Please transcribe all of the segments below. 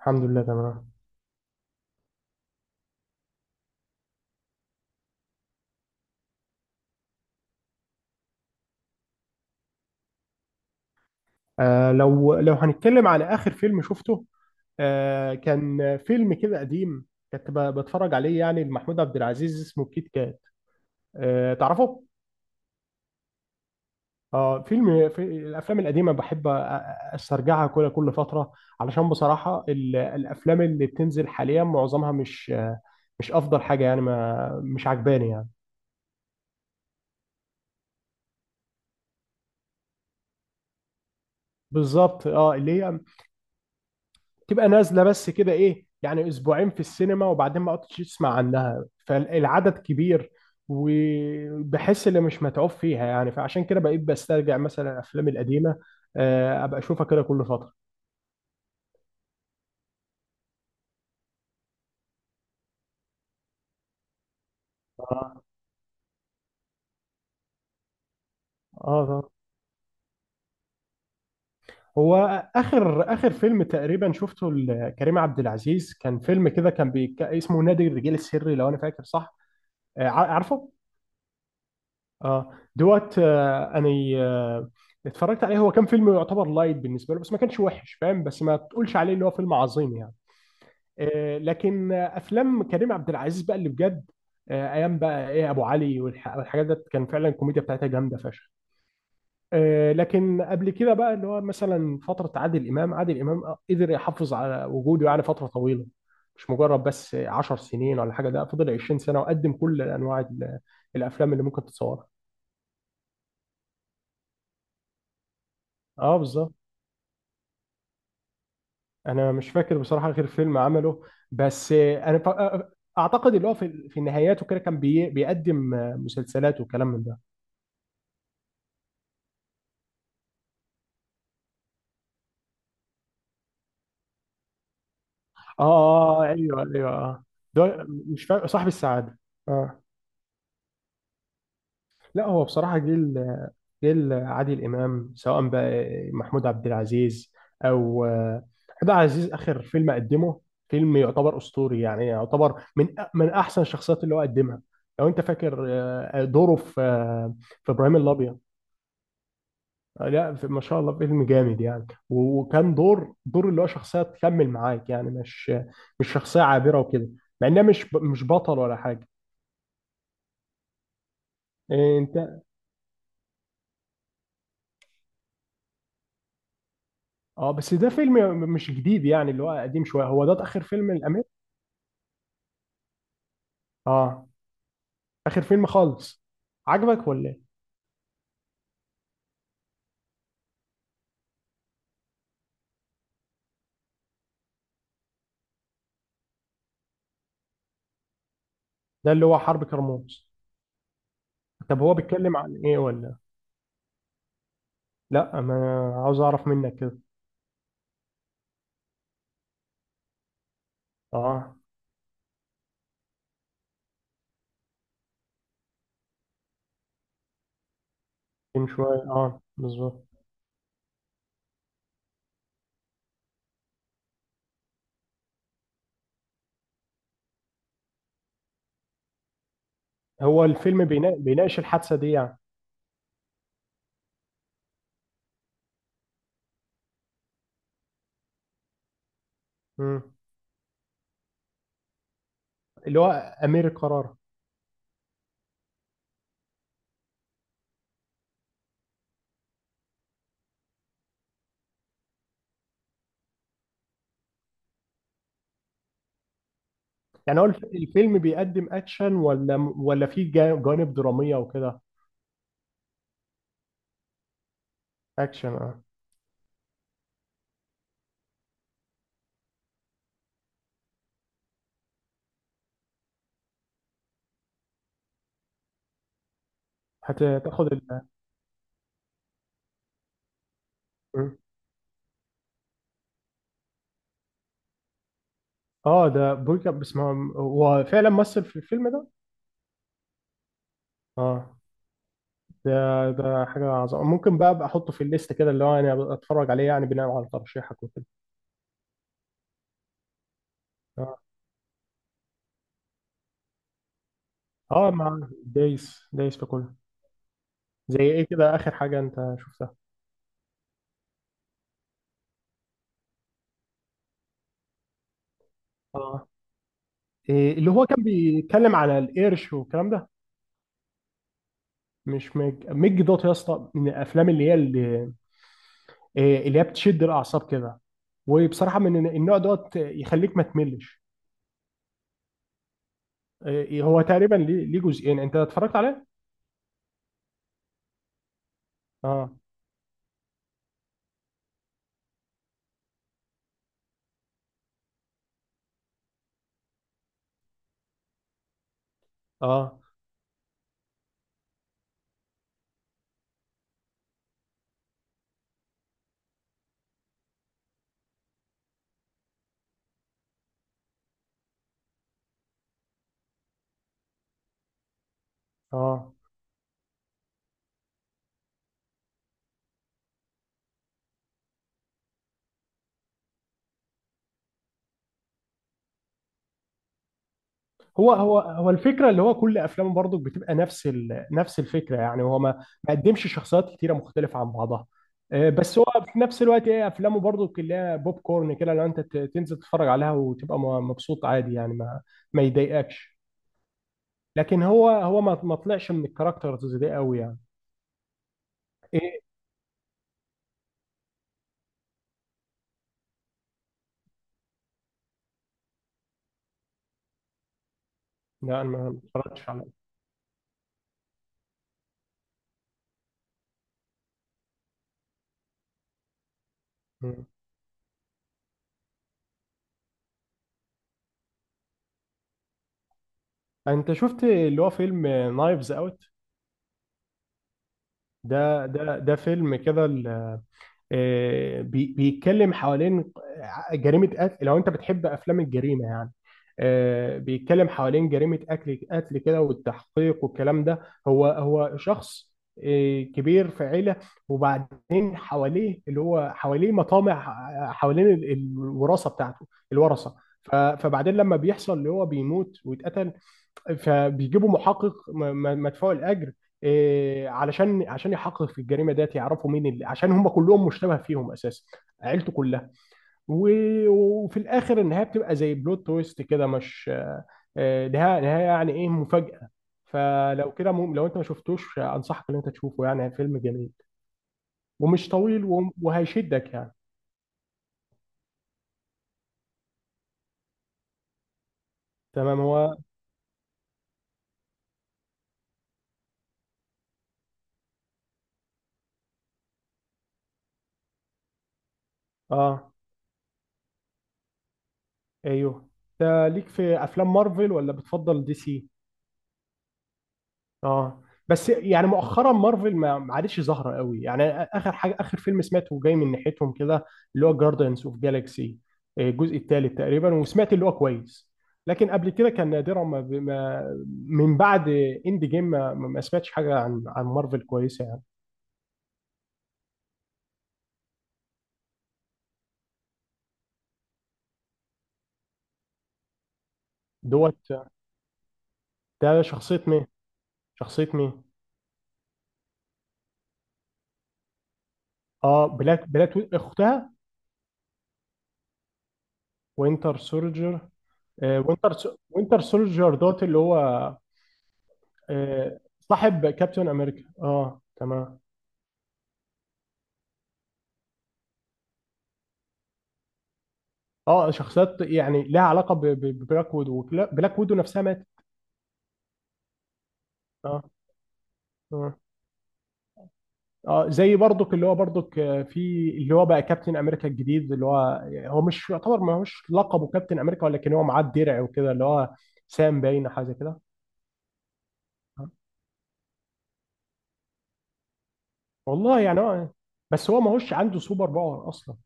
الحمد لله تمام. لو هنتكلم على آخر فيلم شفته، كان فيلم كده قديم. كنت بتفرج عليه يعني لمحمود عبد العزيز، اسمه كيت كات. تعرفه؟ اه، فيلم في الافلام القديمه بحب استرجعها كل فتره. علشان بصراحه الافلام اللي بتنزل حاليا معظمها مش افضل حاجه يعني، ما مش عجباني يعني. بالظبط، اه، اللي هي تبقى نازله بس كده، ايه يعني، اسبوعين في السينما وبعدين ما قعدتش تسمع عنها، فالعدد كبير وبحس اللي مش متعوب فيها يعني، فعشان كده بقيت بسترجع مثلا الافلام القديمه، ابقى اشوفها كده كل فتره. اه، اه، طبعاً. هو اخر فيلم تقريبا شفته لكريم عبد العزيز كان فيلم كده، اسمه نادي الرجال السري، لو انا فاكر صح. عارفه. اه، دوت، انا آه اتفرجت عليه، هو كان فيلم يعتبر لايت بالنسبه له بس ما كانش وحش، فاهم، بس ما تقولش عليه اللي هو فيلم عظيم يعني. لكن افلام كريم عبد العزيز بقى اللي بجد. ايام بقى ايه ابو علي والحاجات ديت، كان فعلا الكوميديا بتاعتها جامده فشخ. لكن قبل كده بقى اللي هو مثلا فتره عادل امام قدر يحافظ على وجوده يعني فتره طويله. مش مجرد بس 10 سنين ولا حاجه، ده فضل 20 سنه وقدم كل انواع الافلام اللي ممكن تتصورها. اه، بالظبط. انا مش فاكر بصراحه غير فيلم عمله. بس انا فا- اعتقد اللي هو في النهايات وكده كان بيقدم مسلسلات وكلام من ده. اه، آه، آه، ايوه، ايوه، اه. ده، مش فاكر صاحب السعاده. اه. لا، هو بصراحه جيل عادل امام، سواء بقى محمود عبد العزيز او عبد العزيز اخر فيلم قدمه. فيلم يعتبر اسطوري يعني، يعتبر من احسن الشخصيات اللي هو قدمها. لو انت فاكر، دوره في ابراهيم الابيض. لا، ما شاء الله فيلم جامد يعني، وكان دور اللي هو شخصية تكمل معاك يعني، مش مش شخصية عابرة وكده. مع انها مش بطل ولا حاجة. إيه انت. اه، بس ده فيلم مش جديد يعني، اللي هو قديم شوية، هو ده اخر فيلم الامير؟ اه، اخر فيلم خالص عجبك ولا ايه؟ ده اللي هو حرب كرموز. طب، هو بيتكلم عن ايه ولا؟ لا، ما عاوز اعرف منك كده. اه، من شوية، اه بالظبط. هو الفيلم بيناقش الحادثة دي يعني؟ مم. اللي هو امير القرار. يعني هو الفيلم بيقدم اكشن، ولا فيه جوانب دراميه وكده؟ اكشن، اه. هتاخد ال... م. اه، ده بويكا بس هو فعلا مثل في الفيلم ده. اه، ده حاجه عظيمه، ممكن بقى ابقى احطه في الليست كده، اللي هو انا اتفرج عليه يعني بناء على ترشيحك وكده. اه. اه، مع دايس في كله. زي ايه كده، اخر حاجه انت شفتها؟ اه، إيه اللي هو كان بيتكلم على القرش والكلام ده؟ مش ميج، ميج دوت يا اسطى، من الافلام اللي هي اللي... إيه، اللي هي بتشد الاعصاب كده. وبصراحه من النوع دوت، يخليك ما تملش. إيه، هو تقريبا ليه جزئين، انت اتفرجت عليه؟ اه، اه، اه. هو الفكره اللي هو كل افلامه برضو بتبقى نفس نفس الفكره يعني، هو ما قدمش شخصيات كتيره مختلفه عن بعضها. إيه، بس هو في نفس الوقت، ايه، افلامه برضو كلها بوب كورن كده، لو انت تنزل تتفرج عليها وتبقى مبسوط عادي يعني، ما يضايقكش. لكن هو ما طلعش من الكاركترز دي قوي يعني. لا، انا ما اتفرجتش عليه. مم. انت شفت اللي هو فيلم نايفز اوت؟ ده فيلم كده بيتكلم حوالين جريمة قتل، لو انت بتحب افلام الجريمة يعني. بيتكلم حوالين جريمة قتل كده، والتحقيق والكلام ده. هو شخص كبير في عيلة. وبعدين حواليه اللي هو حواليه مطامع، حوالين الوراثة بتاعته، الورثة. فبعدين لما بيحصل اللي هو بيموت ويتقتل، فبيجيبوا محقق مدفوع الاجر، إيه، عشان يحقق في الجريمه ديت، يعرفوا مين اللي، عشان هم كلهم مشتبه فيهم اساسا. عيلته كلها. وفي الاخر النهايه بتبقى زي بلوت تويست كده، مش، آه، نهايه نهايه يعني، ايه مفاجاه. فلو كده، لو انت ما شفتوش انصحك ان انت تشوفه يعني، فيلم جميل ومش طويل، وهيشدك يعني. تمام، هو. اه، ايوه. ده ليك في افلام مارفل ولا بتفضل DC؟ اه، بس يعني مؤخرا مارفل ما عادتش ظاهره قوي يعني، اخر فيلم سمعته جاي من ناحيتهم كده، اللي هو جاردنز اوف جالاكسي الجزء الثالث تقريبا، وسمعت اللي هو كويس. لكن قبل كده كان نادرا ما, ما من بعد اند جيم، ما سمعتش حاجه عن مارفل كويسه يعني. دوت. ده شخصيه مين؟ اه، بلاك اختها. وينتر سولجر. وينتر سولجر دوت، اللي هو. صاحب كابتن امريكا، اه تمام. اه، شخصيات يعني لها علاقه ببلاك ويدو، بلاك ويدو نفسها ماتت. اه، اه، اه. زي برضك اللي هو برضك، في اللي هو بقى كابتن امريكا الجديد اللي هو يعني، هو مش يعتبر، ما هوش لقبه كابتن امريكا ولكن هو معاه الدرع وكده اللي هو سام باين حاجه زي كده. آه. والله يعني هو، بس هو ما هوش عنده سوبر باور اصلا.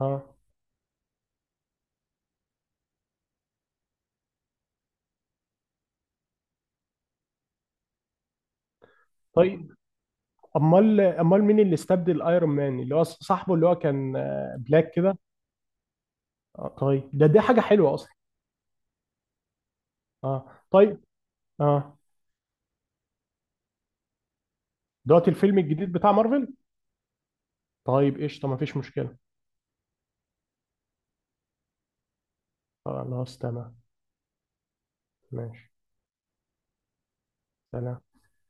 اه، طيب. امال مين اللي استبدل ايرون مان اللي هو صاحبه اللي هو كان بلاك كده؟ طيب، دي حاجه حلوه اصلا. اه، طيب، اه. دلوقتي الفيلم الجديد بتاع مارفل؟ طيب، قشطة، مفيش مشكلة. خلاص، تمام. ماشي، سلام.